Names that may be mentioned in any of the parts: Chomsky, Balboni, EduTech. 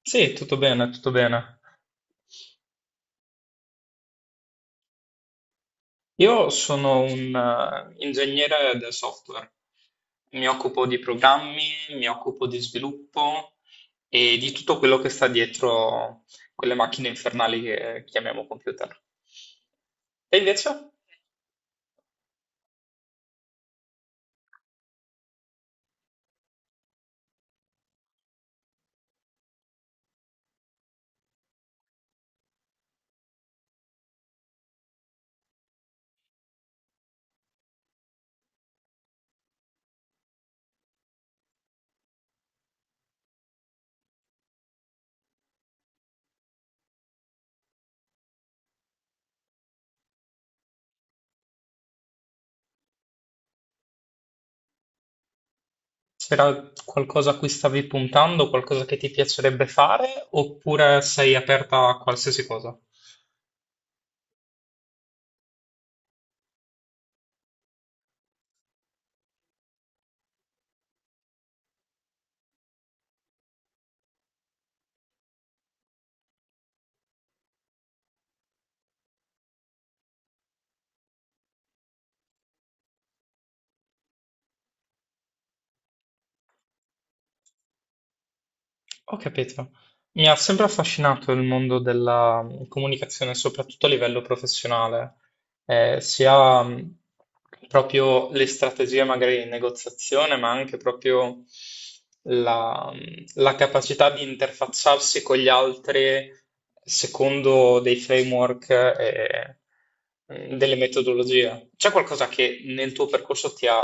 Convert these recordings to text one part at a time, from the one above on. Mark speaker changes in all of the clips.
Speaker 1: Sì, tutto bene, tutto bene. Io sono un ingegnere del software, mi occupo di programmi, mi occupo di sviluppo e di tutto quello che sta dietro quelle macchine infernali che chiamiamo computer. E invece, c'era qualcosa a cui stavi puntando, qualcosa che ti piacerebbe fare, oppure sei aperta a qualsiasi cosa? Ho capito. Mi ha sempre affascinato il mondo della comunicazione, soprattutto a livello professionale sia proprio le strategie magari in negoziazione, ma anche proprio la capacità di interfacciarsi con gli altri secondo dei framework e delle metodologie. C'è qualcosa che nel tuo percorso ti ha,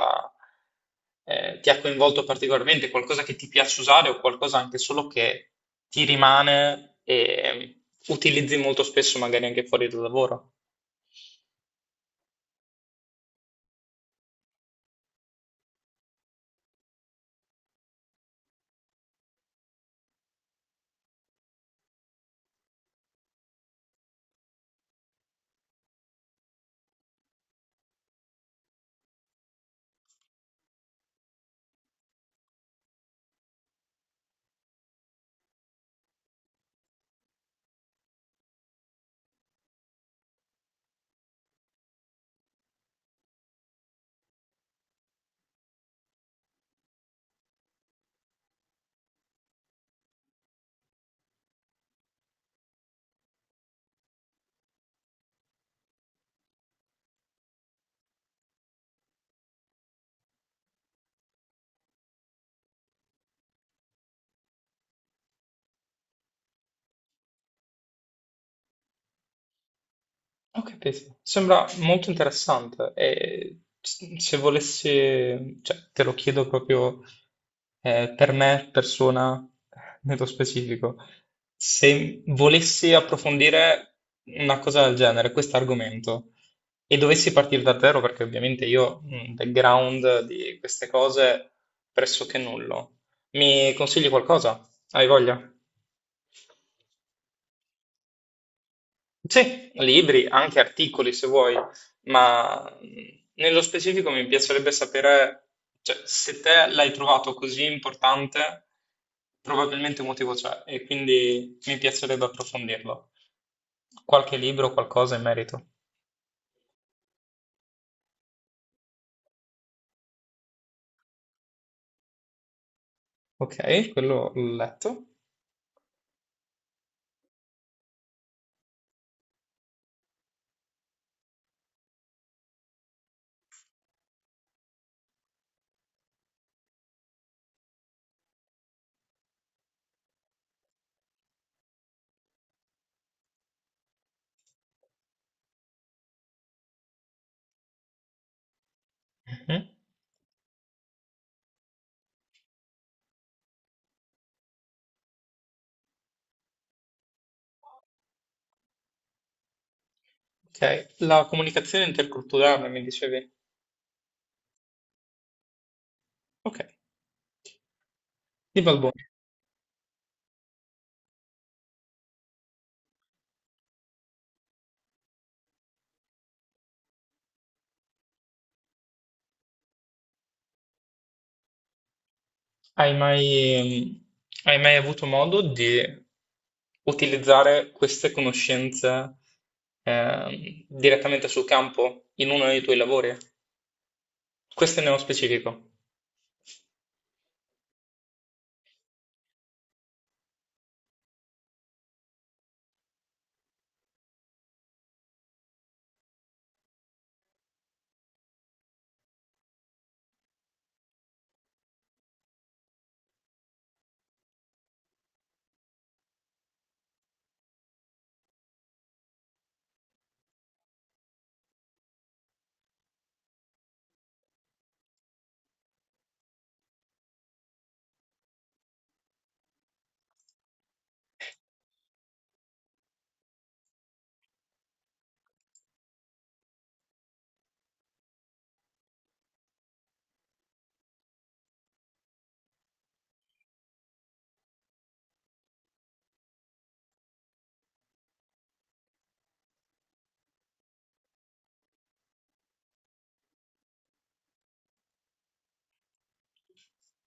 Speaker 1: eh, ti ha coinvolto particolarmente, qualcosa che ti piace usare o qualcosa anche solo che ti rimane e utilizzi molto spesso magari anche fuori dal lavoro? Ho capito, sembra molto interessante e se volessi, cioè te lo chiedo proprio per me, persona, nello specifico, se volessi approfondire una cosa del genere, questo argomento, e dovessi partire da zero, perché ovviamente io un background di queste cose pressoché nullo, mi consigli qualcosa? Hai voglia? Sì, libri, anche articoli se vuoi, ma nello specifico mi piacerebbe sapere, cioè, se te l'hai trovato così importante, probabilmente un motivo c'è e quindi mi piacerebbe approfondirlo. Qualche libro, qualcosa in merito. Ok, quello l'ho letto. Mhm. Ok, la comunicazione interculturale mi dicevi. Ok, di Balboni. Hai mai, hai mai avuto modo di utilizzare queste conoscenze direttamente sul campo in uno dei tuoi lavori? Questo è nello specifico.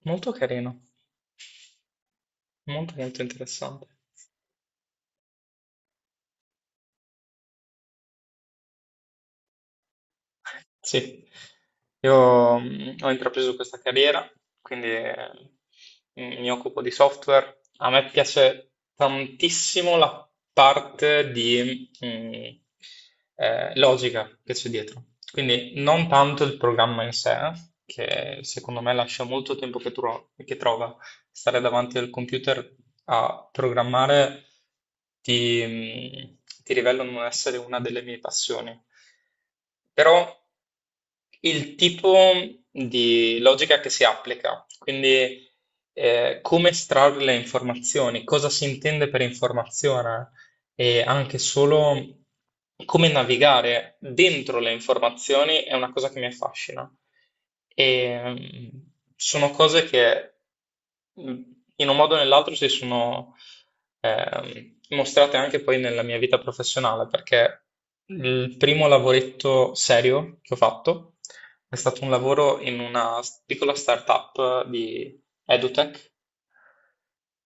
Speaker 1: Molto carino, molto molto interessante. Sì, io ho intrapreso questa carriera, quindi mi occupo di software. A me piace tantissimo la parte di logica che c'è dietro. Quindi non tanto il programma in sé, che secondo me lascia molto tempo che trova. Stare davanti al computer a programmare ti, ti rivelo non essere una delle mie passioni. Però il tipo di logica che si applica, quindi come estrarre le informazioni, cosa si intende per informazione e anche solo come navigare dentro le informazioni è una cosa che mi affascina. E mm, sono cose che mm, in un modo o nell'altro si sono mostrate anche poi nella mia vita professionale, perché il primo lavoretto serio che ho fatto è stato un lavoro in una piccola startup di EduTech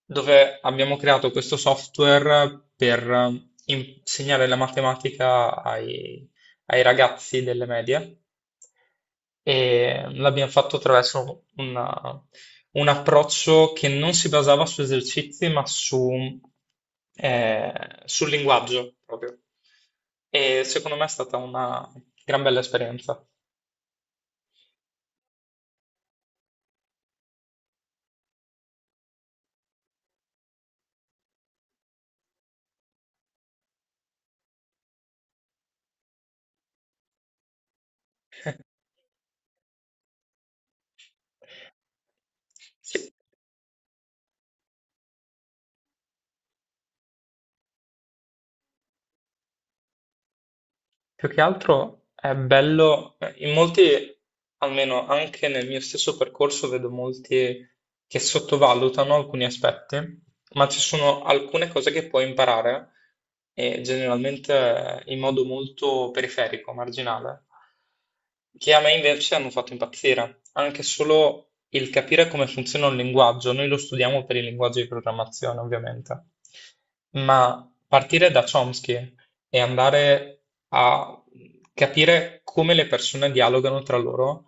Speaker 1: dove abbiamo creato questo software per insegnare la matematica ai ragazzi delle medie e l'abbiamo fatto attraverso un approccio che non si basava su esercizi, ma eh, sul linguaggio proprio. E secondo me è stata una gran bella esperienza. Sì. Più che altro è bello, in molti, almeno anche nel mio stesso percorso, vedo molti che sottovalutano alcuni aspetti, ma ci sono alcune cose che puoi imparare, e generalmente in modo molto periferico, marginale, che a me invece hanno fatto impazzire. Anche solo il capire come funziona un linguaggio, noi lo studiamo per il linguaggio di programmazione, ovviamente, ma partire da Chomsky e andare a capire come le persone dialogano tra loro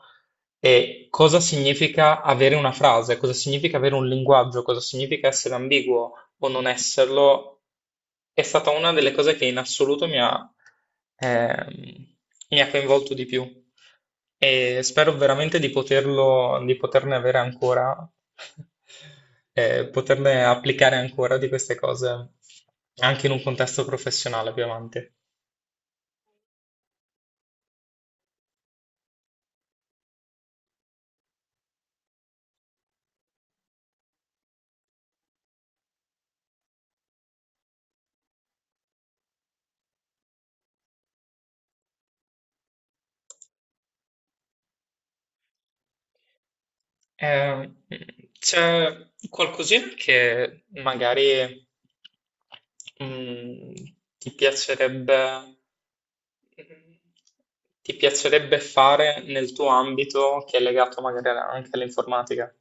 Speaker 1: e cosa significa avere una frase, cosa significa avere un linguaggio, cosa significa essere ambiguo o non esserlo, è stata una delle cose che in assoluto ehm, mi ha coinvolto di più. E spero veramente di poterlo, di poterne avere ancora, poterne applicare ancora di queste cose anche in un contesto professionale più avanti. Eh, C'è qualcosina che magari mm, ti piacerebbe, mm, ti piacerebbe fare nel tuo ambito che è legato magari anche all'informatica?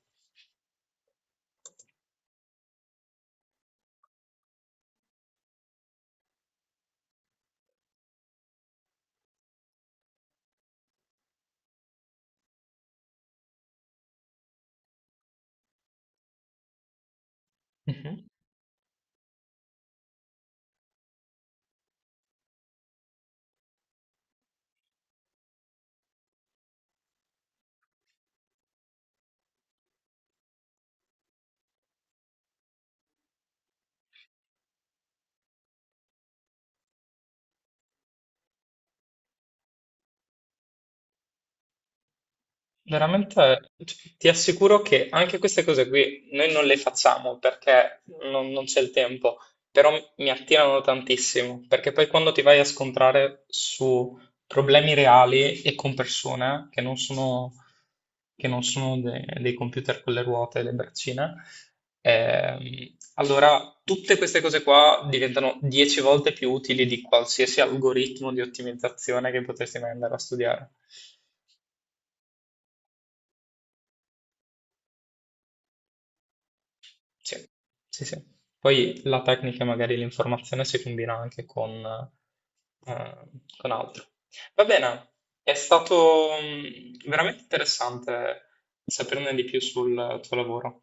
Speaker 1: Veramente ti assicuro che anche queste cose qui noi non le facciamo perché non c'è il tempo, però mi attirano tantissimo, perché poi quando ti vai a scontrare su problemi reali e con persone che non sono dei computer con le ruote e le braccine, allora tutte queste cose qua diventano 10 volte più utili di qualsiasi algoritmo di ottimizzazione che potresti mai andare a studiare. Sì, sì, sì. Poi la tecnica e magari l'informazione si combina anche eh, con altro. Va bene, è stato veramente interessante saperne di più sul tuo lavoro.